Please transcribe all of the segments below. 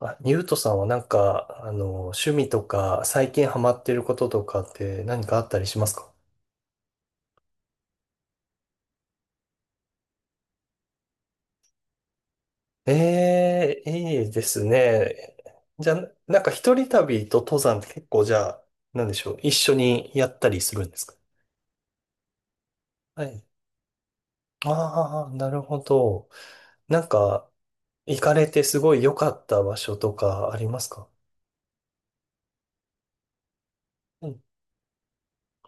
あ、ニュートさんはなんか、趣味とか、最近ハマってることとかって何かあったりしますか？ええー、いいですね。じゃあ、なんか一人旅と登山って結構じゃあ、なんでしょう、一緒にやったりするんですか？はい。ああ、なるほど。なんか、行かれてすごい良かった場所とかありますか？うん。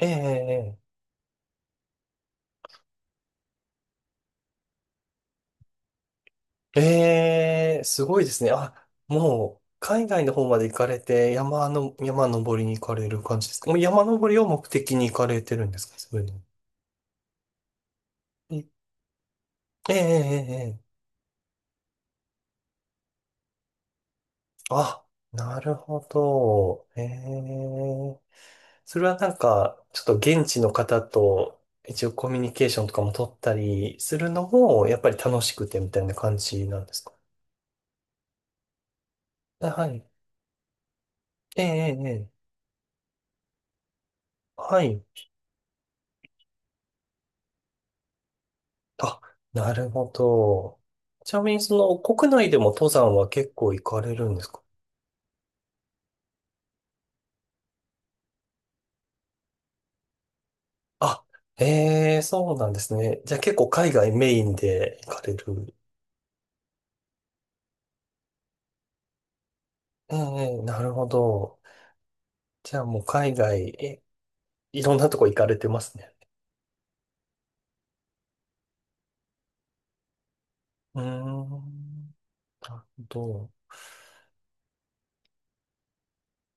ええええええ、すごいですね。あ、もう、海外の方まで行かれて、山登りに行かれる感じですか？もう山登りを目的に行かれてるんですか？そういうの。えええ、ええ、ええあ、なるほど。ええ。それはなんか、ちょっと現地の方と一応コミュニケーションとかも取ったりするのも、やっぱり楽しくてみたいな感じなんですか？あはい。ええ、ええ、ええはい。あ、なるほど。ちなみに、国内でも登山は結構行かれるんですか？あ、ええ、そうなんですね。じゃあ結構海外メインで行かれる。ええ、なるほど。じゃあもう海外、いろんなとこ行かれてますね。うーん、なるほど。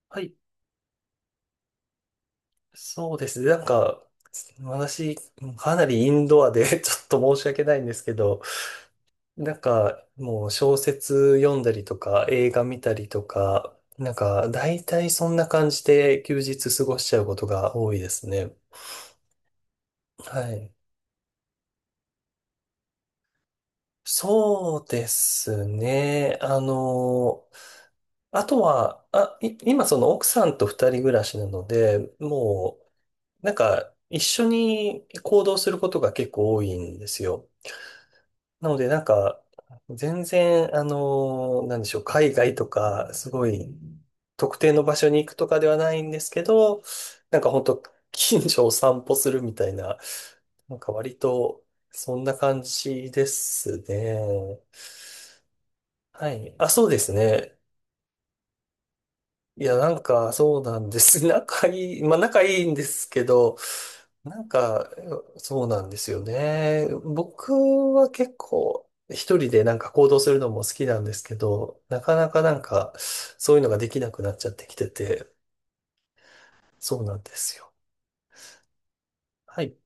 はい、そうですね。なんか、私、かなりインドアで ちょっと申し訳ないんですけど、なんか、もう小説読んだりとか、映画見たりとか、なんか、大体そんな感じで休日過ごしちゃうことが多いですね。はい。そうですね。あとは、あ、今その奥さんと二人暮らしなので、もう、なんか、一緒に行動することが結構多いんですよ。なので、なんか、全然、なんでしょう、海外とか、すごい、特定の場所に行くとかではないんですけど、なんか本当 近所を散歩するみたいな、なんか割と、そんな感じですね。はい。あ、そうですね。いや、なんか、そうなんです。仲いい、まあ仲いいんですけど、なんか、そうなんですよね。僕は結構一人でなんか行動するのも好きなんですけど、なかなかなんかそういうのができなくなっちゃってきてて、そうなんですよ。はい。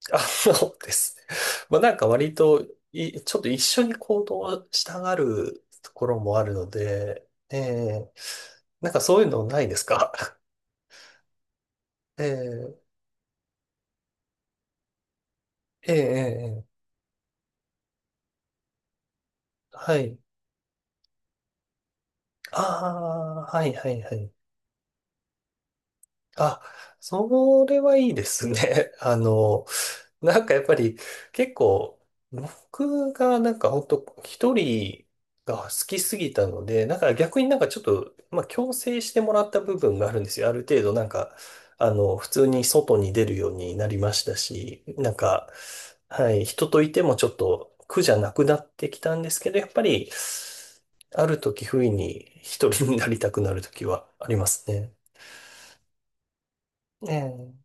あそうですね。まあなんか割とちょっと一緒に行動したがるところもあるので、ええなんかそういうのないですか？ ええええええええはい。ああ、はいはいはい。あ、それはいいですね。なんかやっぱり結構、僕がなんか本当一人が好きすぎたので、なんか逆になんかちょっと、まあ強制してもらった部分があるんですよ。ある程度なんか、普通に外に出るようになりましたし、なんか、はい、人といてもちょっと苦じゃなくなってきたんですけど、やっぱり、ある時不意に一人になりたくなる時はありますね。ええ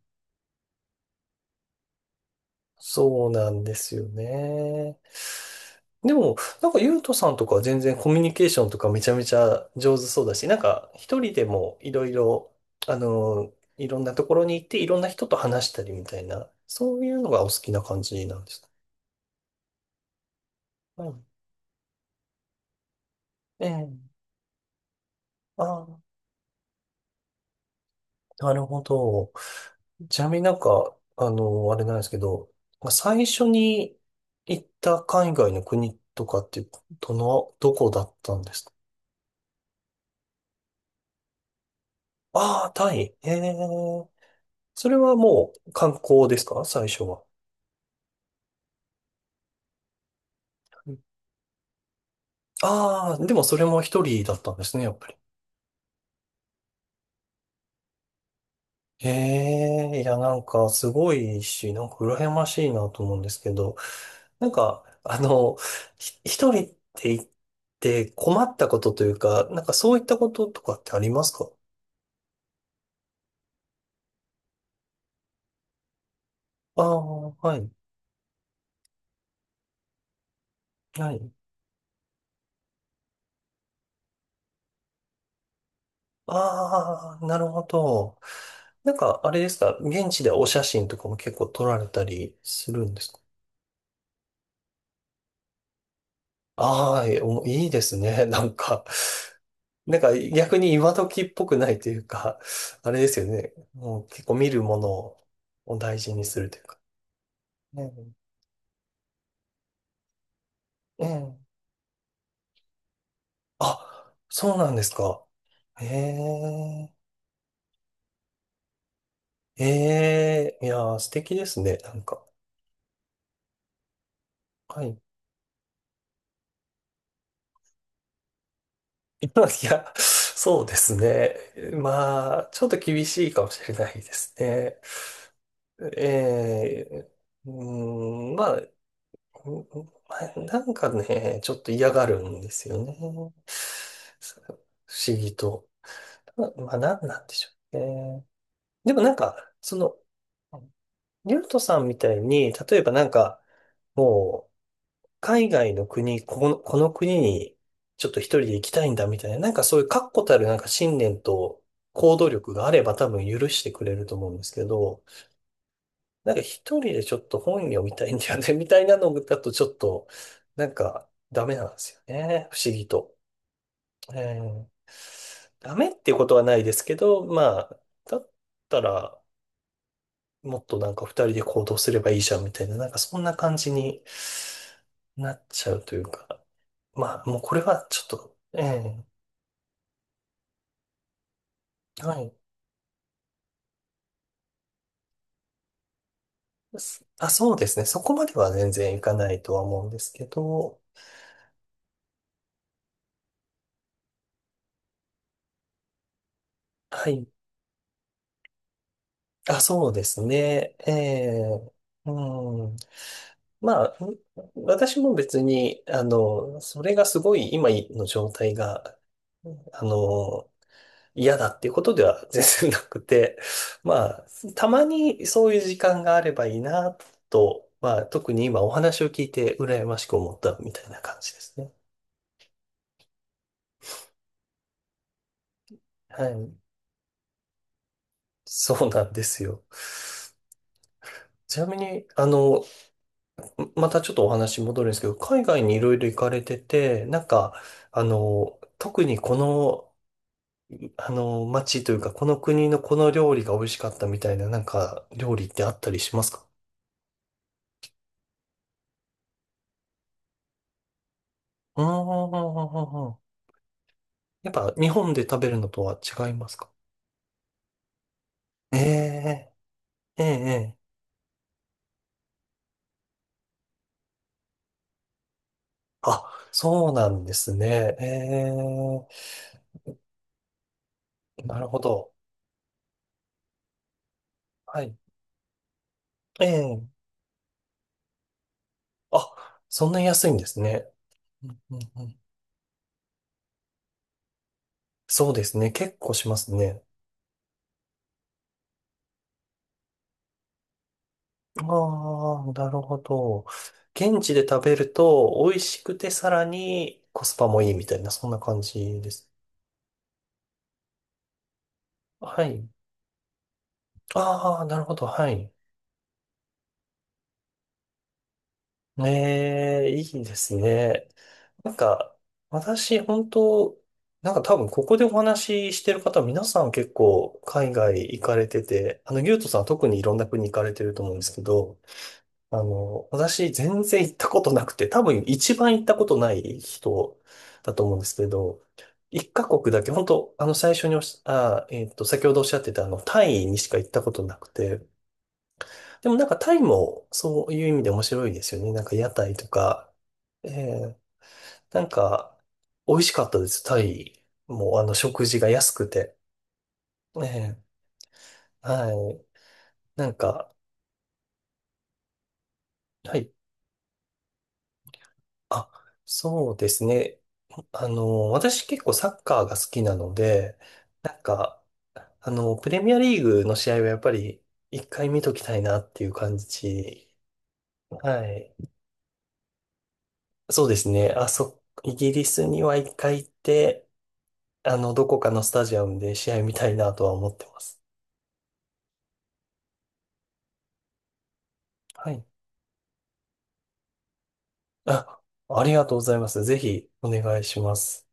そうなんですよね。でも、なんか、ゆうとさんとかは全然コミュニケーションとかめちゃめちゃ上手そうだし、なんか、一人でもいろいろ、あの、いろんなところに行って、いろんな人と話したりみたいな、そういうのがお好きな感じなんですか？うん。ええ。ああ、なるほど。ちなみになんか、あれなんですけど、まあ最初に行った海外の国とかって、どこだったんですか？ああ、タイ。ええ。それはもう観光ですか？最初は。ああー、でもそれも一人だったんですね、やっぱり。ええ、いや、なんか、すごいし、なんか、羨ましいなと思うんですけど、なんか、一人って言って困ったことというか、なんか、そういったこととかってありますか？ああー、はい、はい。ああ、なるほど。なんか、あれですか、現地でお写真とかも結構撮られたりするんですか？ああ、いいですね。なんか、逆に今時っぽくないというか、あれですよね。もう結構見るものを大事にするというか。えええ。あ、そうなんですか。ええ、ええ、いやー、素敵ですね。なんか。はい。いや、そうですね。まあ、ちょっと厳しいかもしれないですね。ええ、うーん、まあ、うんうんなんかね、ちょっと嫌がるんですよね。そう不思議と。まあ、なんなんでしょうね。でもなんか、その、リュウトさんみたいに、例えばなんか、もう、海外の国、この国に、ちょっと一人で行きたいんだみたいな、なんかそういう確固たるなんか信念と行動力があれば多分許してくれると思うんですけど、なんか一人でちょっと本読みたいんだよね、みたいなのだとちょっと、なんかダメなんですよね。不思議と。えーダメっていうことはないですけど、まあ、だったら、もっとなんか二人で行動すればいいじゃんみたいな、なんかそんな感じになっちゃうというか、まあ、もうこれはちょっと、ええはい。あ、そうですね。そこまでは全然いかないとは思うんですけど、はい。あ、そうですね。ええうんまあ、私も別に、それがすごい今の状態が、あの、嫌だっていうことでは全然なくて、まあ、たまにそういう時間があればいいなと、まあ、特に今お話を聞いて羨ましく思ったみたいな感じですね。はい。そうなんですよ。ちなみに、またちょっとお話戻るんですけど、海外にいろいろ行かれてて、なんか、特にこの街というか、この国のこの料理が美味しかったみたいな、なんか、料理ってあったりしますか？うーん。やっぱ、日本で食べるのとは違いますか？ええええええあ、そうなんですね。ええなるほど。はい。ええあ、そんな安いんですね。うんうんうんそうですね。結構しますね。ああ、なるほど。現地で食べると美味しくてさらにコスパもいいみたいな、そんな感じです。はい。ああ、なるほど。はい。ええ、いいですね。なんか、私、本当なんか多分ここでお話ししてる方、皆さん結構海外行かれてて、ゆうとさんは特にいろんな国行かれてると思うんですけど、私全然行ったことなくて、多分一番行ったことない人だと思うんですけど、一カ国だけ、本当あの最初におっしゃ、あ、えっと、先ほどおっしゃってたタイにしか行ったことなくて、でもなんかタイもそういう意味で面白いですよね。なんか屋台とか、えー、なんか美味しかったです。タイもあの食事が安くて。えー、はい。なんか、はい。あ、そうですね。私結構サッカーが好きなので、なんか、プレミアリーグの試合はやっぱり一回見ときたいなっていう感じ。はい。そうですね。あ、イギリスには一回行って、どこかのスタジアムで試合見たいなとは思ってます。はい。あ、ありがとうございます。ぜひお願いします。